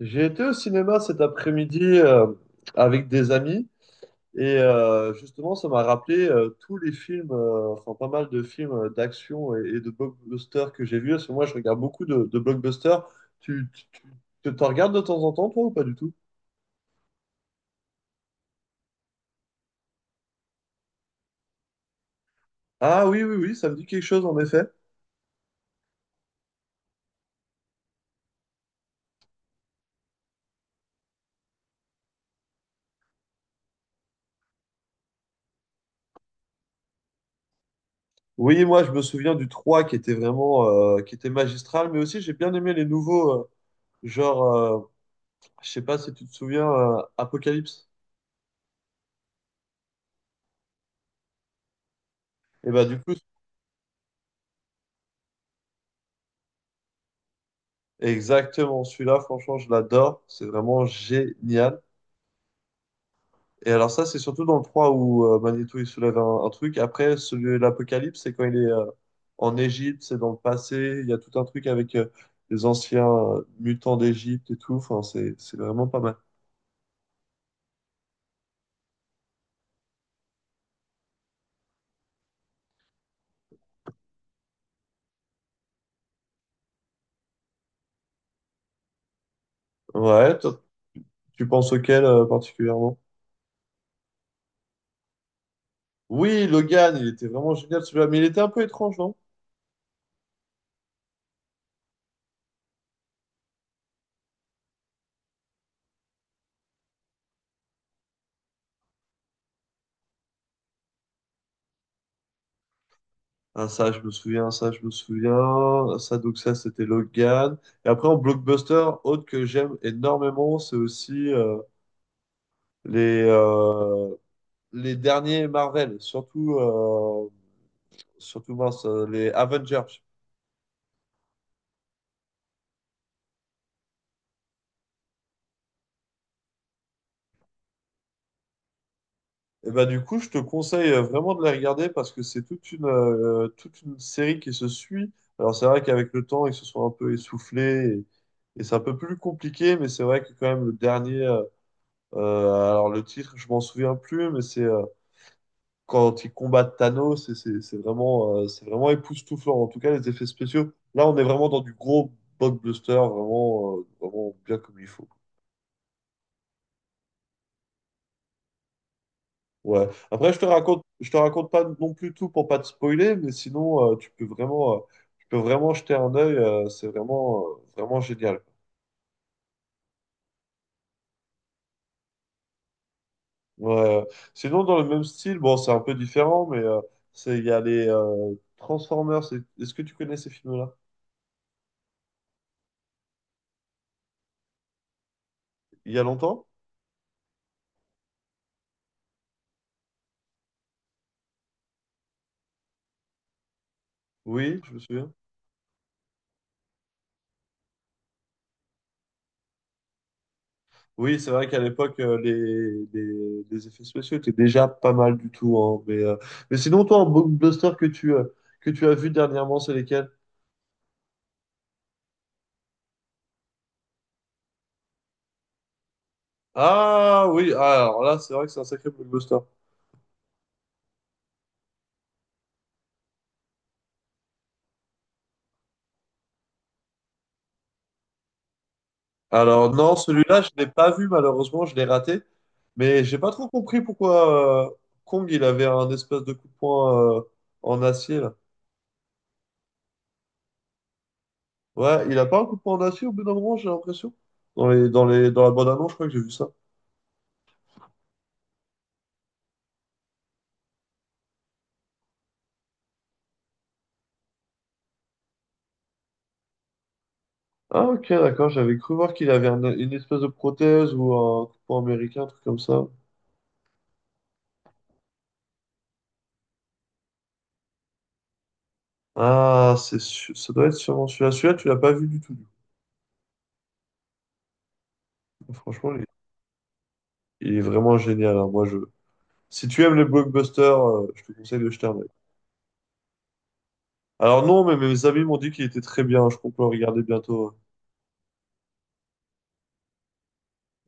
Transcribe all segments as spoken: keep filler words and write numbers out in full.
J'ai été au cinéma cet après-midi euh, avec des amis et euh, justement ça m'a rappelé euh, tous les films, euh, enfin pas mal de films euh, d'action et, et de blockbusters que j'ai vus. Parce que moi je regarde beaucoup de, de blockbusters. Tu, tu, tu- tu t'en regardes de temps en temps toi ou pas du tout? Ah oui oui oui, ça me dit quelque chose en effet. Oui, moi je me souviens du trois qui était vraiment euh, qui était magistral, mais aussi j'ai bien aimé les nouveaux, euh, genre, euh, je sais pas si tu te souviens euh, Apocalypse. Et bah du coup. Exactement, celui-là, franchement, je l'adore. C'est vraiment génial. Et alors ça, c'est surtout dans le trois où euh, Magneto, il soulève un, un truc. Après, celui de l'Apocalypse, c'est quand il est euh, en Égypte, c'est dans le passé. Il y a tout un truc avec euh, les anciens euh, mutants d'Égypte et tout. Enfin, c'est, c'est vraiment pas mal. Ouais, toi, tu penses auquel euh, particulièrement? Oui, Logan, il était vraiment génial celui-là, mais il était un peu étrange, non? Ah, ça, je me souviens, ça, je me souviens. Ça, donc ça, c'était Logan. Et après, en blockbuster, autre que j'aime énormément, c'est aussi euh, les, euh, les derniers Marvel, surtout, euh, surtout mince, euh, les Avengers. Et ben du coup, je te conseille euh, vraiment de les regarder parce que c'est toute une, euh, toute une série qui se suit. Alors, c'est vrai qu'avec le temps, ils se sont un peu essoufflés et, et c'est un peu plus compliqué, mais c'est vrai que quand même, le dernier, euh, euh, alors le titre, je m'en souviens plus, mais c'est. Euh, quand ils combattent Thanos, c'est c'est- c'est vraiment, euh, c'est vraiment époustouflant. En tout cas, les effets spéciaux. Là, on est vraiment dans du gros blockbuster, vraiment, euh, vraiment bien comme il faut. Ouais. Après, je te raconte, je te raconte pas non plus tout pour pas te spoiler, mais sinon, euh, tu peux vraiment, euh, tu peux vraiment jeter un œil. Euh, c'est vraiment, euh, vraiment génial. Ouais. Sinon, dans le même style, bon, c'est un peu différent, mais euh, c'est, il y a les euh, Transformers. Est-ce que tu connais ces films-là? Il y a longtemps? Oui, je me souviens. Oui, c'est vrai qu'à l'époque, euh, les, les, les effets spéciaux étaient déjà pas mal du tout, hein, mais, euh, mais sinon, toi, un blockbuster que tu, euh, que tu as vu dernièrement, c'est lesquels? Ah oui, alors là, c'est vrai que c'est un sacré blockbuster. Alors non, celui-là, je ne l'ai pas vu, malheureusement, je l'ai raté. Mais j'ai pas trop compris pourquoi euh, Kong, il avait un espèce de coup de poing euh, en acier, là. Ouais, il a pas un coup de poing en acier au bout d'un moment, j'ai l'impression. Dans les, dans les, dans la bande-annonce, je crois que j'ai vu ça. Ah ok, d'accord, j'avais cru voir qu'il avait un- une espèce de prothèse ou un coupon américain, un truc comme ça. Ah, c'est su- ça doit être sûrement celui-là. Celui-là, tu l'as pas vu du tout, du coup. Franchement, il est, il est vraiment génial, hein. Moi, je... Si tu aimes les blockbusters, euh, je te conseille de jeter un œil. Alors non, mais mes amis m'ont dit qu'il était très bien. Je compte le regarder bientôt, hein.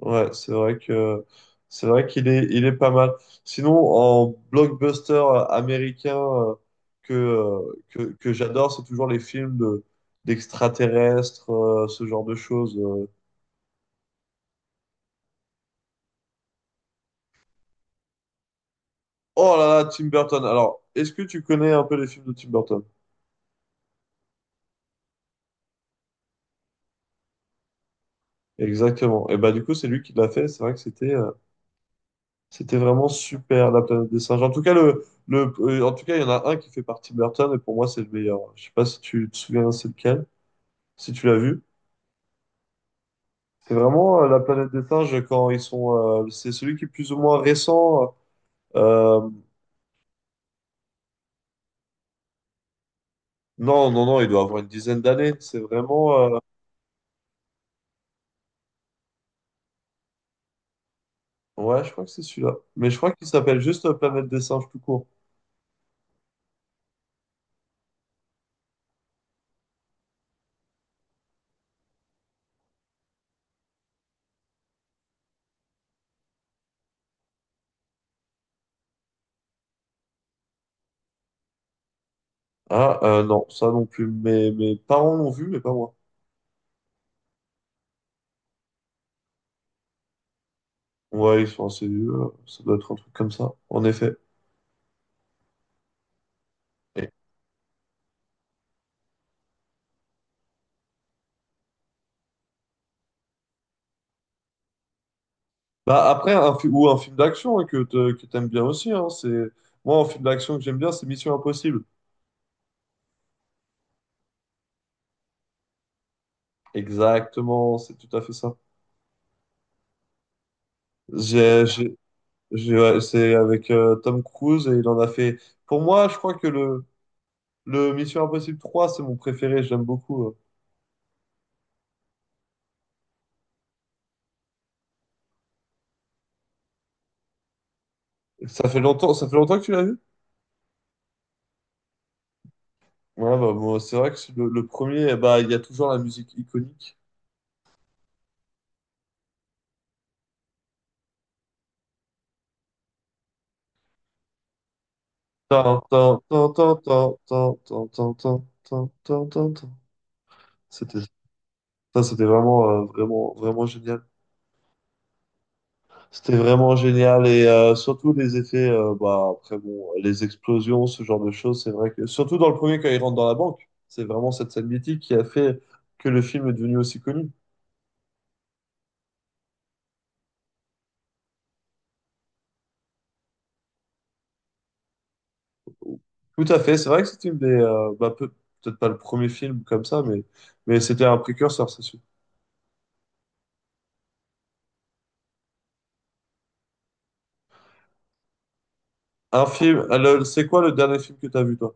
Ouais, c'est vrai que c'est vrai qu'il est il est pas mal. Sinon, en blockbuster américain euh, que euh, que, que j'adore, c'est toujours les films de d'extraterrestres, euh, ce genre de choses. euh. Oh là là, Tim Burton. Alors, est-ce que tu connais un peu les films de Tim Burton? Exactement. Et bah du coup, c'est lui qui l'a fait. C'est vrai que c'était euh, c'était vraiment super, La planète des singes. En tout cas, le le euh, en tout cas, il y en a un qui est fait par Tim Burton et pour moi, c'est le meilleur. Je sais pas si tu te souviens, c'est lequel, si tu l'as vu. C'est vraiment euh, la planète des singes quand ils sont. euh, c'est celui qui est plus ou moins récent. Euh, non, non, non, il doit avoir une dizaine d'années. C'est vraiment. euh, ouais, je crois que c'est celui-là. Mais je crois qu'il s'appelle juste euh, Planète des singes tout court. Ah, euh, non, ça non plus. Mes, mes parents l'ont vu, mais pas moi. Ouais, ils sont assez vieux. euh, Ça doit être un truc comme ça, en effet. Et- Bah, après, un, fi- ou un film d'action, hein, que te- que t'aimes bien aussi. Hein, c'est... Moi, un film d'action que j'aime bien, c'est Mission Impossible. Exactement, c'est tout à fait ça. J'ai, j'ai- J'ai- ouais, c'est avec euh, Tom Cruise et il en a fait. Pour moi, je crois que le, le Mission Impossible trois, c'est mon préféré, j'aime beaucoup. euh. Ça fait longtemps, ça fait longtemps que tu l'as vu? Ouais, bah, moi, c'est vrai que c'est le, le premier, bah, il y a toujours la musique iconique. Tan, tan, tan, tan, tan, tan, tan, tan, tan, tan, tan, tan, tan. C'était, ça, c'était vraiment, euh, vraiment, vraiment génial. C'était vraiment génial et euh, surtout les effets, euh, bah, après bon, les explosions, ce genre de choses, c'est vrai que surtout dans le premier quand il rentre dans la banque, c'est vraiment cette scène mythique qui a fait que le film est devenu aussi connu. Tout à fait, c'est vrai que c'était une des, euh, bah, peu- peut-être pas le premier film comme ça, mais, mais c'était un précurseur, c'est sûr. Un film, le- c'est quoi le dernier film que tu as vu toi?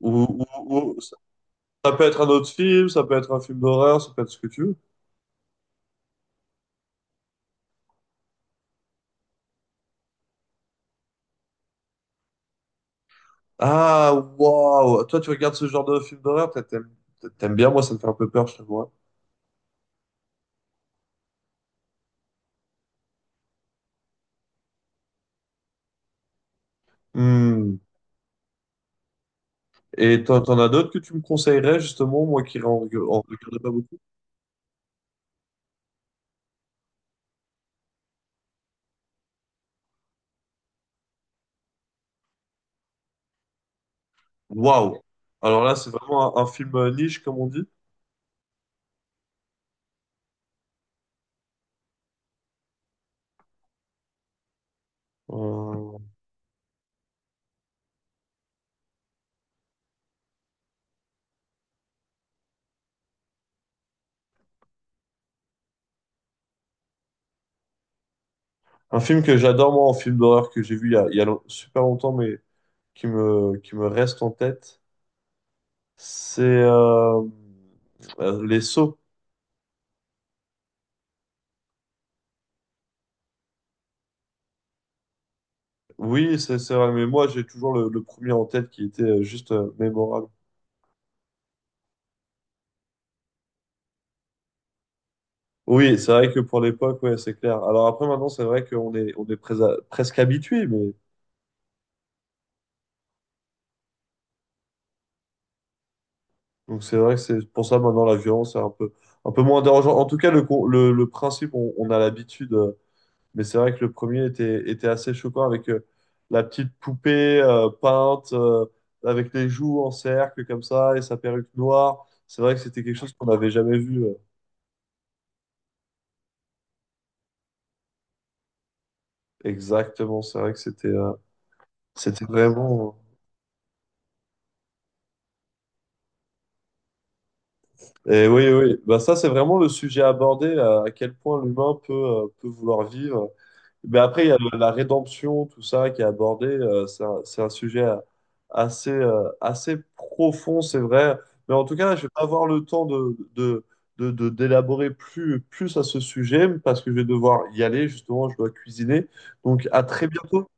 Ou, ou- ou- ça peut être un autre film, ça peut être un film d'horreur, ça peut être ce que tu veux. Ah, waouh! Toi, tu regardes ce genre de film d'horreur, peut-être t'aimes t'aimes bien, moi, ça me fait un peu peur, je te vois. Hmm. Et t'en t'en as d'autres que tu me conseillerais, justement, moi qui en, en regarde pas beaucoup? Waouh! Alors là, c'est vraiment un, un film euh, niche, comme on dit. Euh, un film que j'adore, moi, un film d'horreur que j'ai vu il y a, il y a long- super longtemps, mais qui me, qui me reste en tête, c'est euh, euh, Les Sceaux. Oui, c'est c'est vrai, mais moi, j'ai toujours le, le premier en tête qui était euh, juste euh, mémorable. Oui, c'est vrai que pour l'époque, ouais, c'est clair. Alors après, maintenant, c'est vrai qu'on est, on est prés- presque habitué, mais donc c'est vrai que c'est pour ça maintenant la violence est un peu, un peu moins dérangeante. En tout cas, le, con- le, le principe, on, on a l'habitude, euh, mais c'est vrai que le premier était, était assez choquant avec euh, la petite poupée euh, peinte euh, avec les joues en cercle comme ça et sa perruque noire. C'est vrai que c'était quelque chose qu'on n'avait jamais vu. euh. Exactement, c'est vrai que c'était, euh, c'était vraiment. euh, Et oui, oui, bah ça c'est vraiment le sujet abordé, à à quel point l'humain peut, euh, peut vouloir vivre. Mais après, il y a le- la rédemption, tout ça qui est abordé, euh, c'est un, c'est un sujet euh, assez, euh, assez profond, c'est vrai. Mais en tout cas, je vais pas avoir le temps de, de, de, de- d'élaborer plus, plus à ce sujet parce que je vais devoir y aller, justement, je dois cuisiner. Donc à très bientôt.